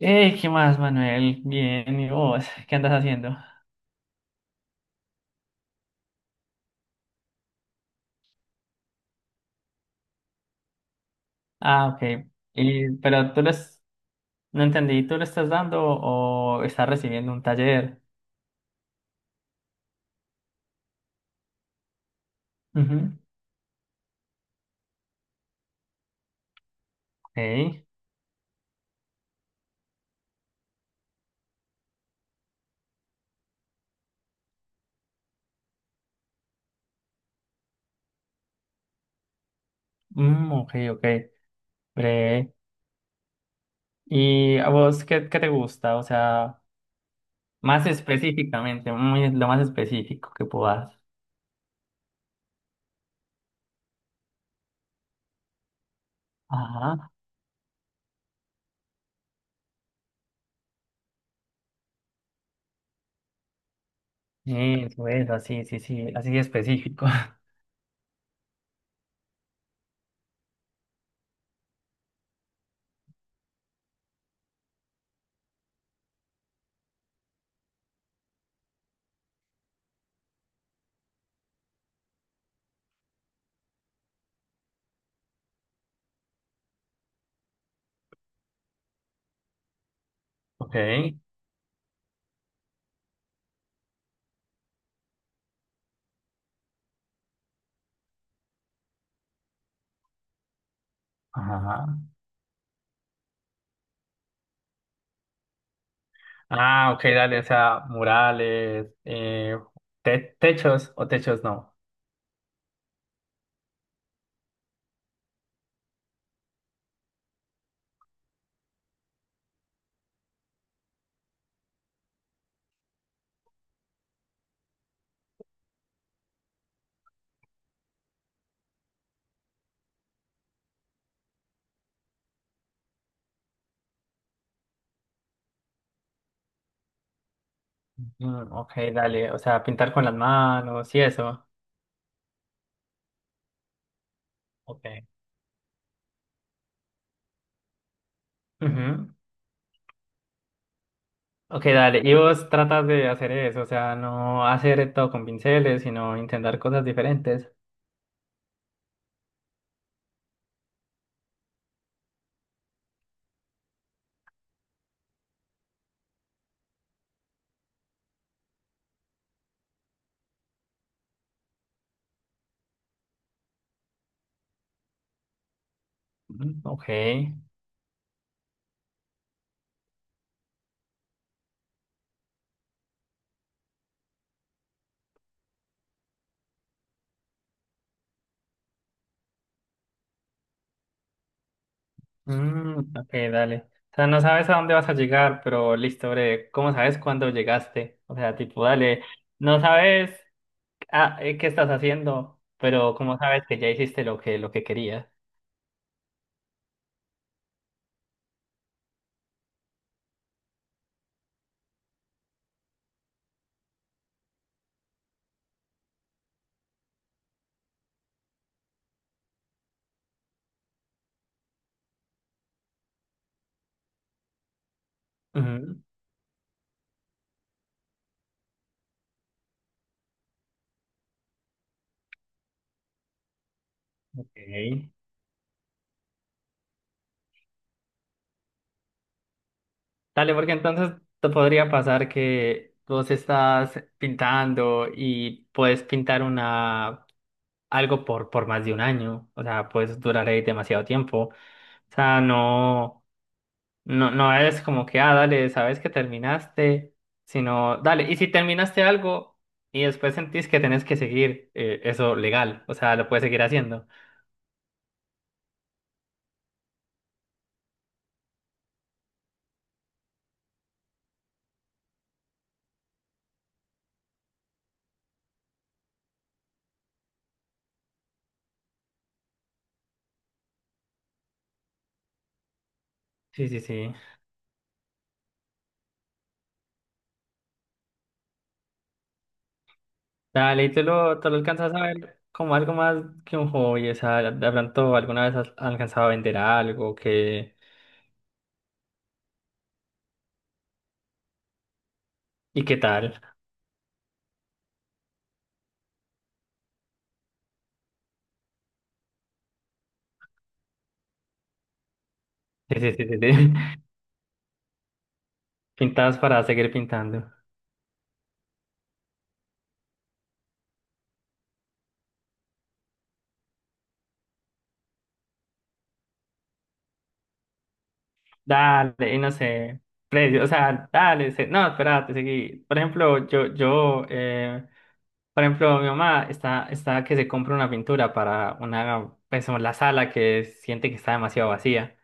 ¿Qué más, Manuel? Bien, ¿y vos? ¿Qué andas haciendo? Ah, ok. Y, pero tú les... No entendí, ¿tú le estás dando o estás recibiendo un taller? Ujú, ok. Mm, ok, ok. Bre. ¿Y a vos qué, qué te gusta? O sea, más específicamente, muy, lo más específico que puedas. Ajá. Eso, es, así, sí, sí, así específico. Ok. Ajá. Ah, ok, dale, o sea, murales, techos o techos no. Mm, ok, dale, o sea, pintar con las manos y eso. Ok. Ujú. Ok, dale, y vos tratas de hacer eso, o sea, no hacer todo con pinceles, sino intentar cosas diferentes. Mm, ok. Mm, ok, dale. O sea, no sabes a dónde vas a llegar, pero listo, bre, ¿cómo sabes cuándo llegaste? O sea, tipo, dale, no sabes. Ah, ¿qué estás haciendo? Pero ¿cómo sabes que ya hiciste lo que querías? Ujú, ok. Dale, porque entonces te podría pasar que vos estás pintando y puedes pintar una algo por más de un año. O sea, puedes durar ahí demasiado tiempo. O sea, no, no, no es como que, ah, dale, sabes que terminaste, sino, dale, y si terminaste algo y después sentís que tenés que seguir eso legal, o sea, lo puedes seguir haciendo. Sí, sí, sí. Dale, y tú lo alcanzas a ver como algo más que un hobby, o sea, de pronto alguna vez has alcanzado a vender algo, que, ¿y qué tal? Sí, sí, sí, sí, sí. Pintas para seguir pintando. Dale, y no sé, precio, o sea, dale, no, espérate, seguí. Por ejemplo, yo, por ejemplo, mi mamá está, está que se compra una pintura para una, pues, la sala que siente que está demasiado vacía.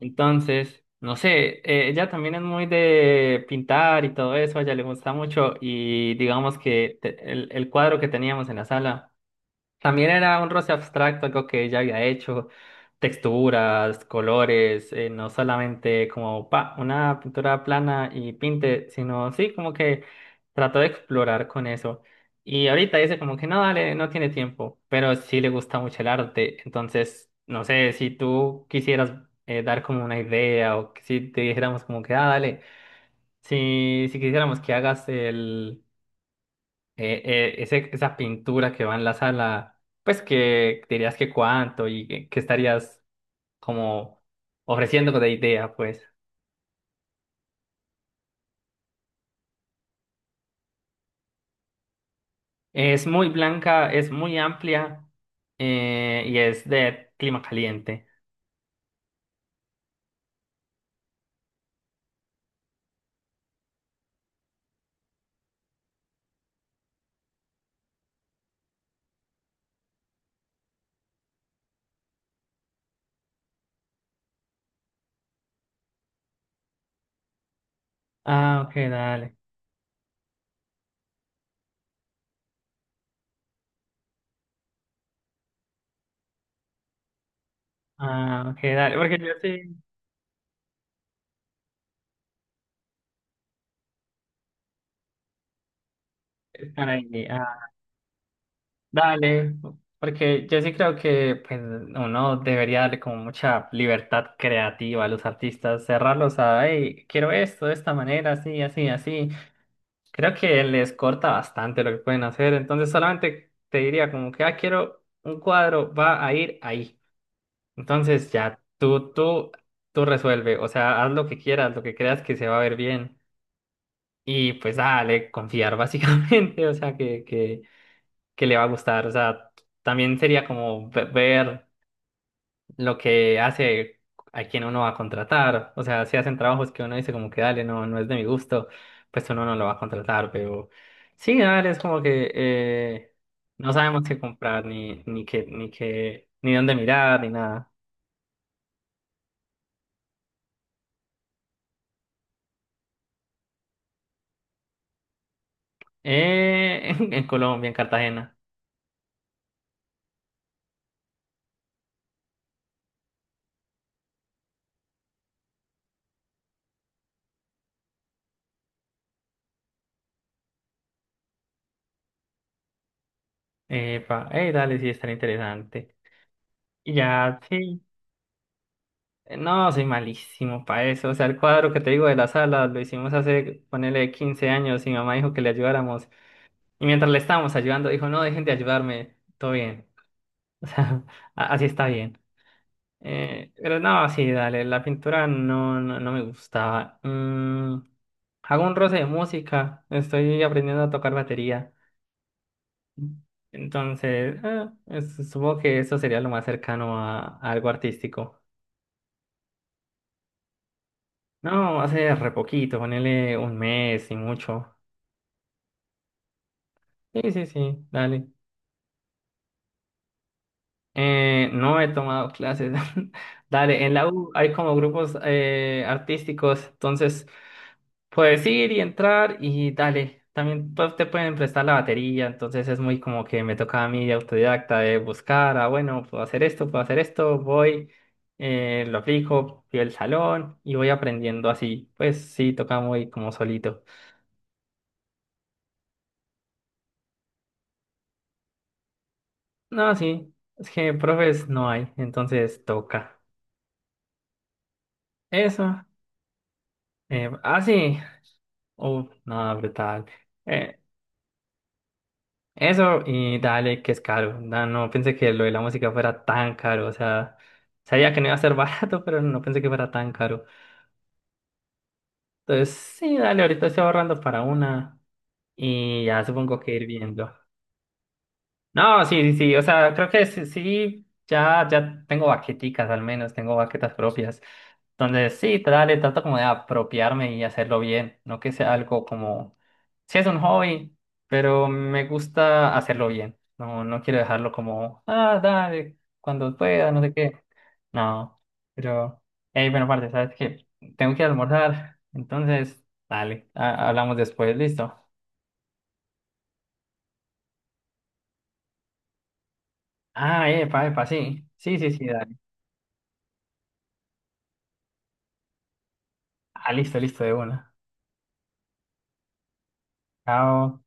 Entonces, no sé, ella también es muy de pintar y todo eso, a ella le gusta mucho y digamos que el cuadro que teníamos en la sala. También era un roce abstracto, algo que ella había hecho, texturas, colores, no solamente como pa, una pintura plana y pinte, sino sí, como que trató de explorar con eso. Y ahorita dice como que no, dale, no tiene tiempo, pero sí le gusta mucho el arte. Entonces, no sé, si tú quisieras dar como una idea o que si te dijéramos como que, ah, dale, si, si quisiéramos que hagas el eh, esa pintura que va en la sala, pues que dirías que cuánto y que estarías como ofreciendo de idea, pues. Es muy blanca, es muy amplia y es de clima caliente. Ah, ok, dale. Ah, ok, dale. Porque yo sí estar ahí. Ah, dale. Porque yo sí creo que pues, uno debería darle como mucha libertad creativa a los artistas, cerrarlos a, hey, quiero esto de esta manera, así, así, así. Creo que les corta bastante lo que pueden hacer, entonces solamente te diría como que, ah, quiero un cuadro, va a ir ahí. Entonces ya tú, tú resuelve, o sea, haz lo que quieras, lo que creas que se va a ver bien y pues dale, confiar básicamente, o sea, que le va a gustar, o sea, también sería como ver lo que hace a quien uno va a contratar. O sea, si hacen trabajos que uno dice como que dale, no, no es de mi gusto, pues uno no lo va a contratar, pero sí, dale, es como que no sabemos qué comprar, ni, ni qué, ni qué, ni dónde mirar, ni nada. En Colombia, en Cartagena. Epa, dale, sí, tan interesante. Y ya, sí. No, soy malísimo para eso. O sea, el cuadro que te digo de la sala lo hicimos hace, ponele, 15 años y mi mamá dijo que le ayudáramos. Y mientras le estábamos ayudando, dijo, no, dejen de ayudarme, todo bien. O sea, así está bien. Pero no, sí, dale, la pintura no, no, no me gustaba. Hago un roce de música, estoy aprendiendo a tocar batería. Entonces, supongo que eso sería lo más cercano a algo artístico. No, hace re poquito, ponele un mes y mucho. Sí, sí, sí, dale. No he tomado clases. Dale, en la U hay como grupos artísticos, entonces puedes ir y entrar y dale. También pues, te pueden prestar la batería, entonces es muy como que me toca a mí de autodidacta de buscar, ah, bueno, puedo hacer esto, voy, lo aplico, pido el salón y voy aprendiendo así. Pues sí, toca muy como solito. No, sí, es que profes no hay, entonces toca. Eso. Sí. Uf, no, brutal. Eh, eso y dale, que es caro. No, no pensé que lo de la música fuera tan caro. O sea, sabía que no iba a ser barato, pero no pensé que fuera tan caro. Entonces, sí, dale, ahorita estoy ahorrando para una y ya supongo que ir viendo. No, sí, sí, sí. O sea, creo que sí, sí, ya, ya tengo baqueticas al menos, tengo baquetas propias. Entonces, sí, dale, trato como de apropiarme y hacerlo bien, no que sea algo como, sí es un hobby, pero me gusta hacerlo bien, no, no quiero dejarlo como, ah, dale, cuando pueda, no sé qué, no, pero, hey, bueno, parte, ¿sabes qué? Tengo que ir a almorzar, entonces, dale, hablamos después, listo. Ah, epa, epa, sí, sí, sí, sí, dale, ah, listo, listo, de una, chao.